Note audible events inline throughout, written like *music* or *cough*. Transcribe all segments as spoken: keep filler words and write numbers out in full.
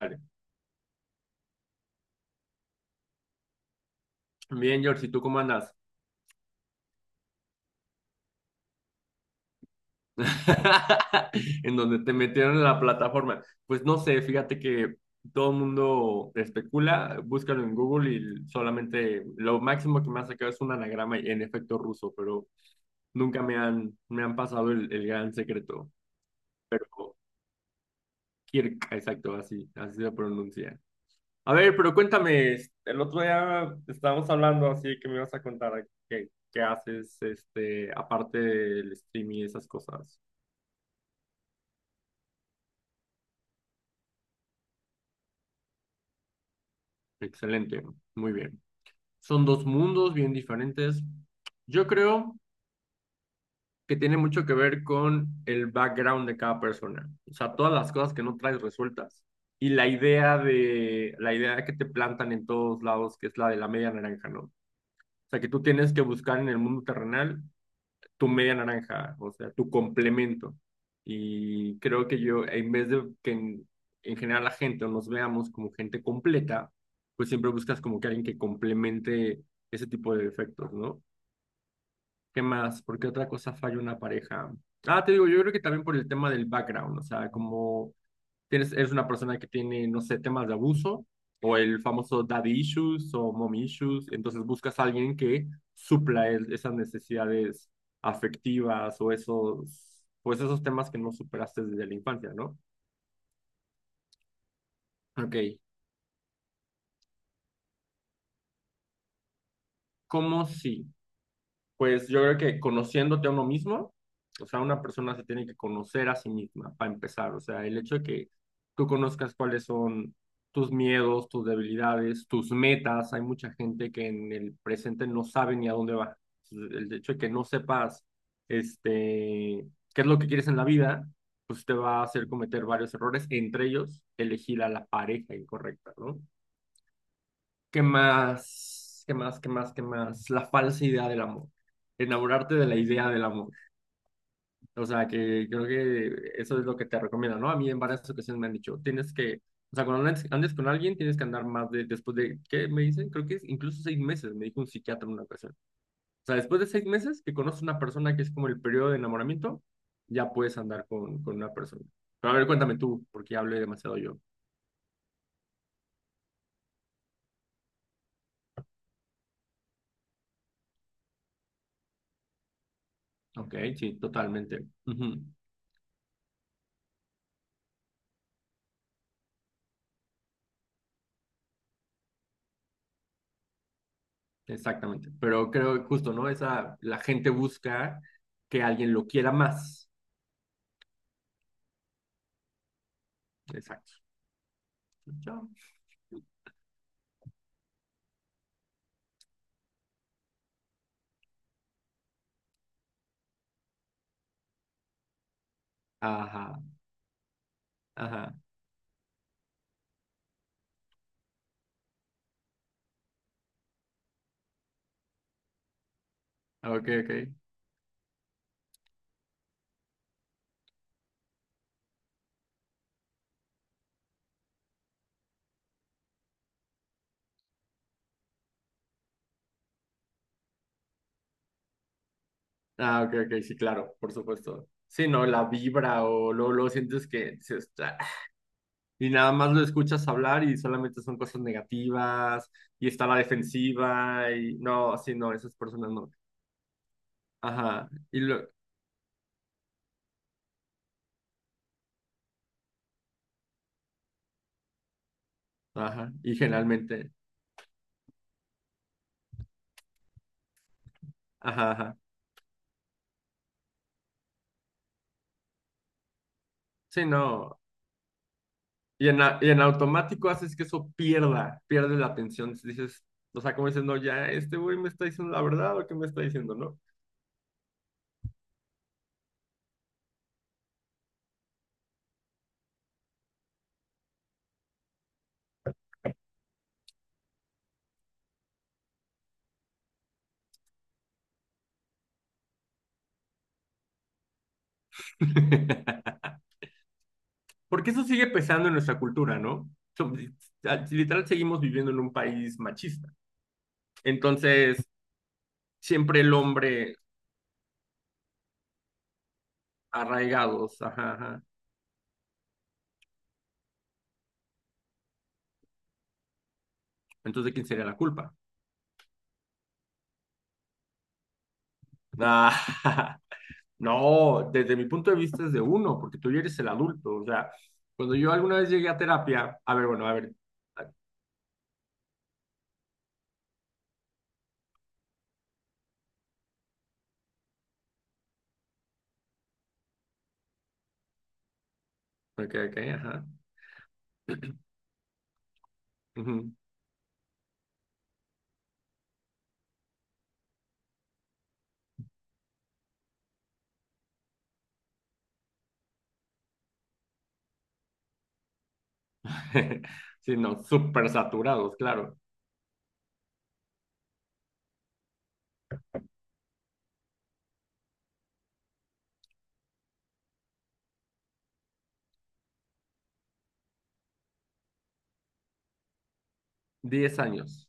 Vale. Bien, George, ¿y tú cómo andas? *laughs* En donde te metieron en la plataforma. Pues no sé, fíjate que todo el mundo especula, búscalo en Google y solamente lo máximo que me ha sacado es un anagrama y en efecto ruso, pero nunca me han, me han pasado el, el gran secreto. Pero Kirk, exacto, así, así se pronuncia. A ver, pero cuéntame, el otro día estábamos hablando así que me vas a contar qué, qué haces, este, aparte del stream y esas cosas. Excelente, muy bien. Son dos mundos bien diferentes. Yo creo que tiene mucho que ver con el background de cada persona, o sea, todas las cosas que no traes resueltas y la idea de la idea que te plantan en todos lados, que es la de la media naranja, ¿no? O sea, que tú tienes que buscar en el mundo terrenal tu media naranja, o sea, tu complemento. Y creo que yo, en vez de que en, en general la gente o nos veamos como gente completa, pues siempre buscas como que alguien que complemente ese tipo de defectos, ¿no? ¿Qué más? ¿Por qué otra cosa falla una pareja? Ah, te digo, yo creo que también por el tema del background, o sea, como tienes, eres una persona que tiene, no sé, temas de abuso o el famoso daddy issues o mom issues, entonces buscas a alguien que supla el- esas necesidades afectivas o esos, pues esos temas que no superaste desde la infancia, ¿no? Ok, ¿cómo sí? Pues yo creo que conociéndote a uno mismo, o sea, una persona se tiene que conocer a sí misma para empezar, o sea, el hecho de que tú conozcas cuáles son tus miedos, tus debilidades, tus metas, hay mucha gente que en el presente no sabe ni a dónde va. Entonces, el hecho de que no sepas, este, qué es lo que quieres en la vida, pues te va a hacer cometer varios errores, entre ellos elegir a la pareja incorrecta, ¿no? ¿Qué más? ¿Qué más? ¿Qué más? ¿Qué más? La falsa idea del amor. Enamorarte de la idea del amor. O sea, que creo que eso es lo que te recomiendo, ¿no? A mí en varias ocasiones me han dicho, tienes que, o sea, cuando andes, andes con alguien, tienes que andar más de, después de, ¿qué me dicen? Creo que es incluso seis meses, me dijo un psiquiatra en una ocasión. O sea, después de seis meses que conoces una persona que es como el periodo de enamoramiento, ya puedes andar con, con una persona. Pero a ver, cuéntame tú, porque ya hablé demasiado yo. Ok, sí, totalmente. Ujú. Exactamente, pero creo que justo, ¿no? Esa, la gente busca que alguien lo quiera más. Exacto. Ya. Ajá, ajá. Ah, ok, ok. Ah, ok, ok, sí, claro, por supuesto. Sí, no, la vibra o luego, luego sientes que dices, "Ah", *laughs* y nada más lo escuchas hablar y solamente son cosas negativas y está la defensiva y no, sí, no, esas personas no. Ajá, y lo, ajá, y generalmente, ajá, ajá. Sí, no. Y en, a- y en automático haces que eso pierda, pierde la atención. Dices, o sea, como diciendo, ya, este güey me está diciendo la verdad o qué me está diciendo, ¿no? *laughs* Porque eso sigue pesando en nuestra cultura, ¿no? So- al- Literal, seguimos viviendo en un país machista. Entonces, siempre el hombre arraigados, ajá, ajá. Entonces, ¿de quién sería la culpa? Ah, *laughs* no, desde mi punto de vista es de uno, porque tú ya eres el adulto. O sea, cuando yo alguna vez llegué a terapia, a ver, bueno, a ver. Ok, ok, ajá. Ujú. *laughs* Sí, no, súper saturados, claro. Diez años.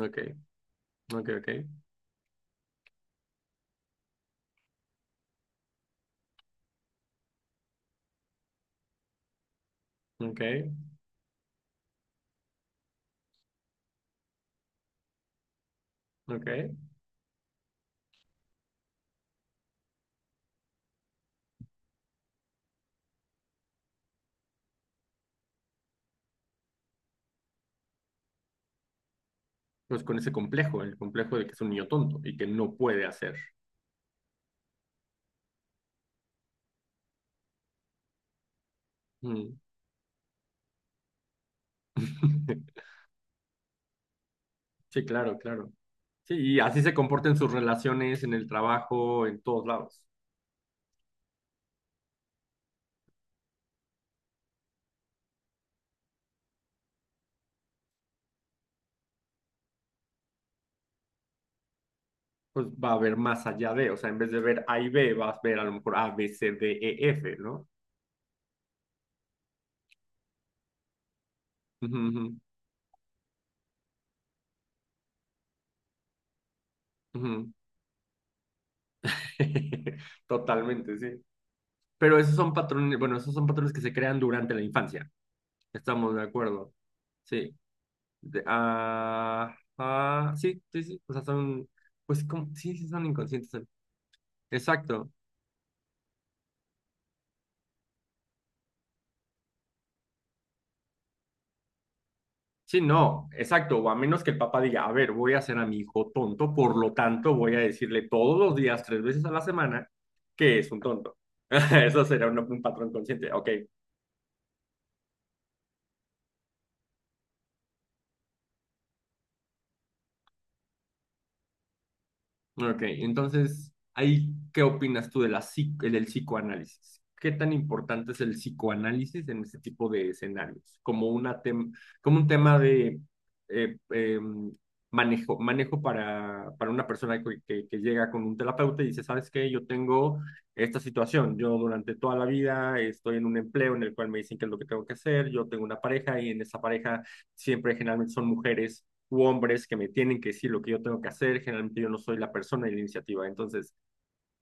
Ok, ok, ok, ok, ok. Pues con ese complejo, el complejo de que es un niño tonto y que no puede hacer. Mm. *laughs* Sí, claro, claro. Sí, y así se comporta en sus relaciones, en el trabajo, en todos lados. Pues va a haber más allá de, o sea, en vez de ver A y B, vas a ver a lo mejor A, B, C, D, E, F, ¿no? Ujú, ujú, ujú. *laughs* Totalmente, sí. Pero esos son patrones, bueno, esos son patrones que se crean durante la infancia. Estamos de acuerdo. Sí. De- ah, ah, sí, sí, sí. O sea, son, pues, como- sí, sí, son inconscientes. son- Exacto. Sí, no, exacto. O a menos que el papá diga, a ver, voy a hacer a mi hijo tonto, por lo tanto, voy a decirle todos los días, tres veces a la semana, que es un tonto. *laughs* Eso será un, un patrón consciente. Ok, Ok, entonces, ahí, ¿qué opinas tú de la, psi- del psicoanálisis? ¿Qué tan importante es el psicoanálisis en este tipo de escenarios? Como, una tem- como un tema de eh, eh, manejo, manejo para, para una persona que, que- que llega con un terapeuta y dice, ¿sabes qué? Yo tengo esta situación. Yo durante toda la vida estoy en un empleo en el cual me dicen qué es lo que tengo que hacer. Yo tengo una pareja y en esa pareja siempre generalmente son mujeres u hombres que me tienen que decir lo que yo tengo que hacer. Generalmente yo no soy la persona de la iniciativa. Entonces,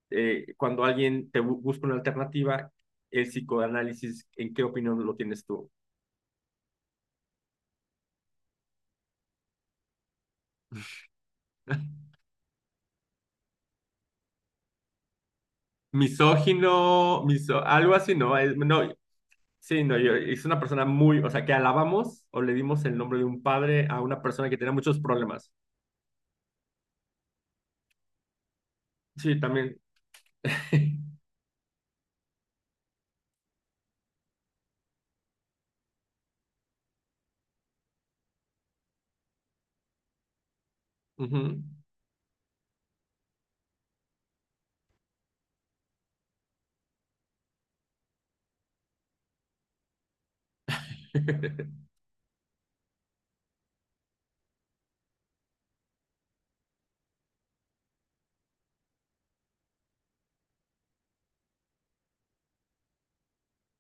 eh, cuando alguien te bu- busca una alternativa, el psicoanálisis, ¿en qué opinión lo tienes tú? *laughs* Misógino, miso- algo así, ¿no? Es- no, sí, no, yo, es una persona muy, o sea, que alabamos o le dimos el nombre de un padre a una persona que tenía muchos problemas. Sí, también. *laughs* Ujú. *laughs*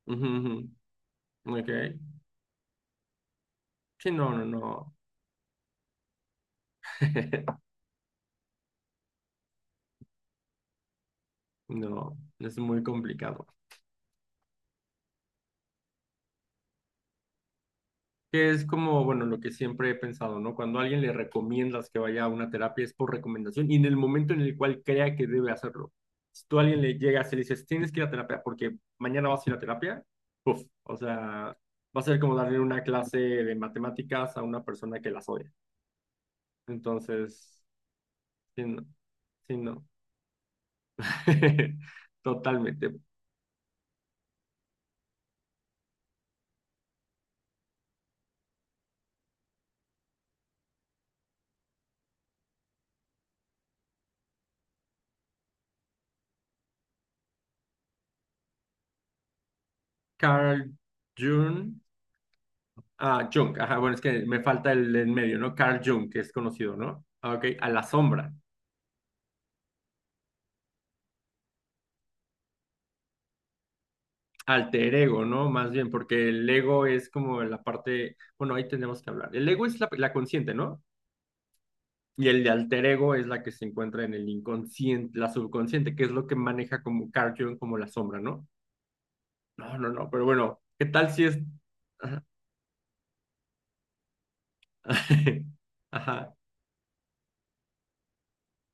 Ujú, ujú. Ok. Sí, no, no, no. *laughs* No, es muy complicado. Que es como, bueno, lo que siempre he pensado, ¿no? Cuando a alguien le recomiendas que vaya a una terapia es por recomendación y en el momento en el cual crea que debe hacerlo. Si tú a alguien le llegas y le dices, tienes que ir a terapia porque mañana vas a ir a terapia, uf, o sea, va a ser como darle una clase de matemáticas a una persona que las odia. Entonces, sí, no, sí, no. *laughs* Totalmente. Carl Jung, ah, Jung, ajá, bueno, es que me falta el en medio, ¿no? Carl Jung, que es conocido, ¿no? Ah, ok, a la sombra. Alter ego, ¿no? Más bien, porque el ego es como la parte, bueno, ahí tenemos que hablar. El ego es la, la consciente, ¿no? Y el de alter ego es la que se encuentra en el inconsciente, la subconsciente, que es lo que maneja como Carl Jung, como la sombra, ¿no? No, no, no, pero bueno, ¿qué tal si es... Ajá, *laughs* Ajá.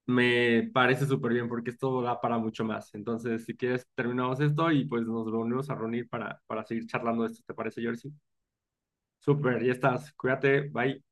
Me parece súper bien porque esto da para mucho más. Entonces, si quieres, terminamos esto y pues nos reunimos a reunir para, para seguir charlando de esto, ¿te parece, Jersey? Súper, ya estás, cuídate, bye.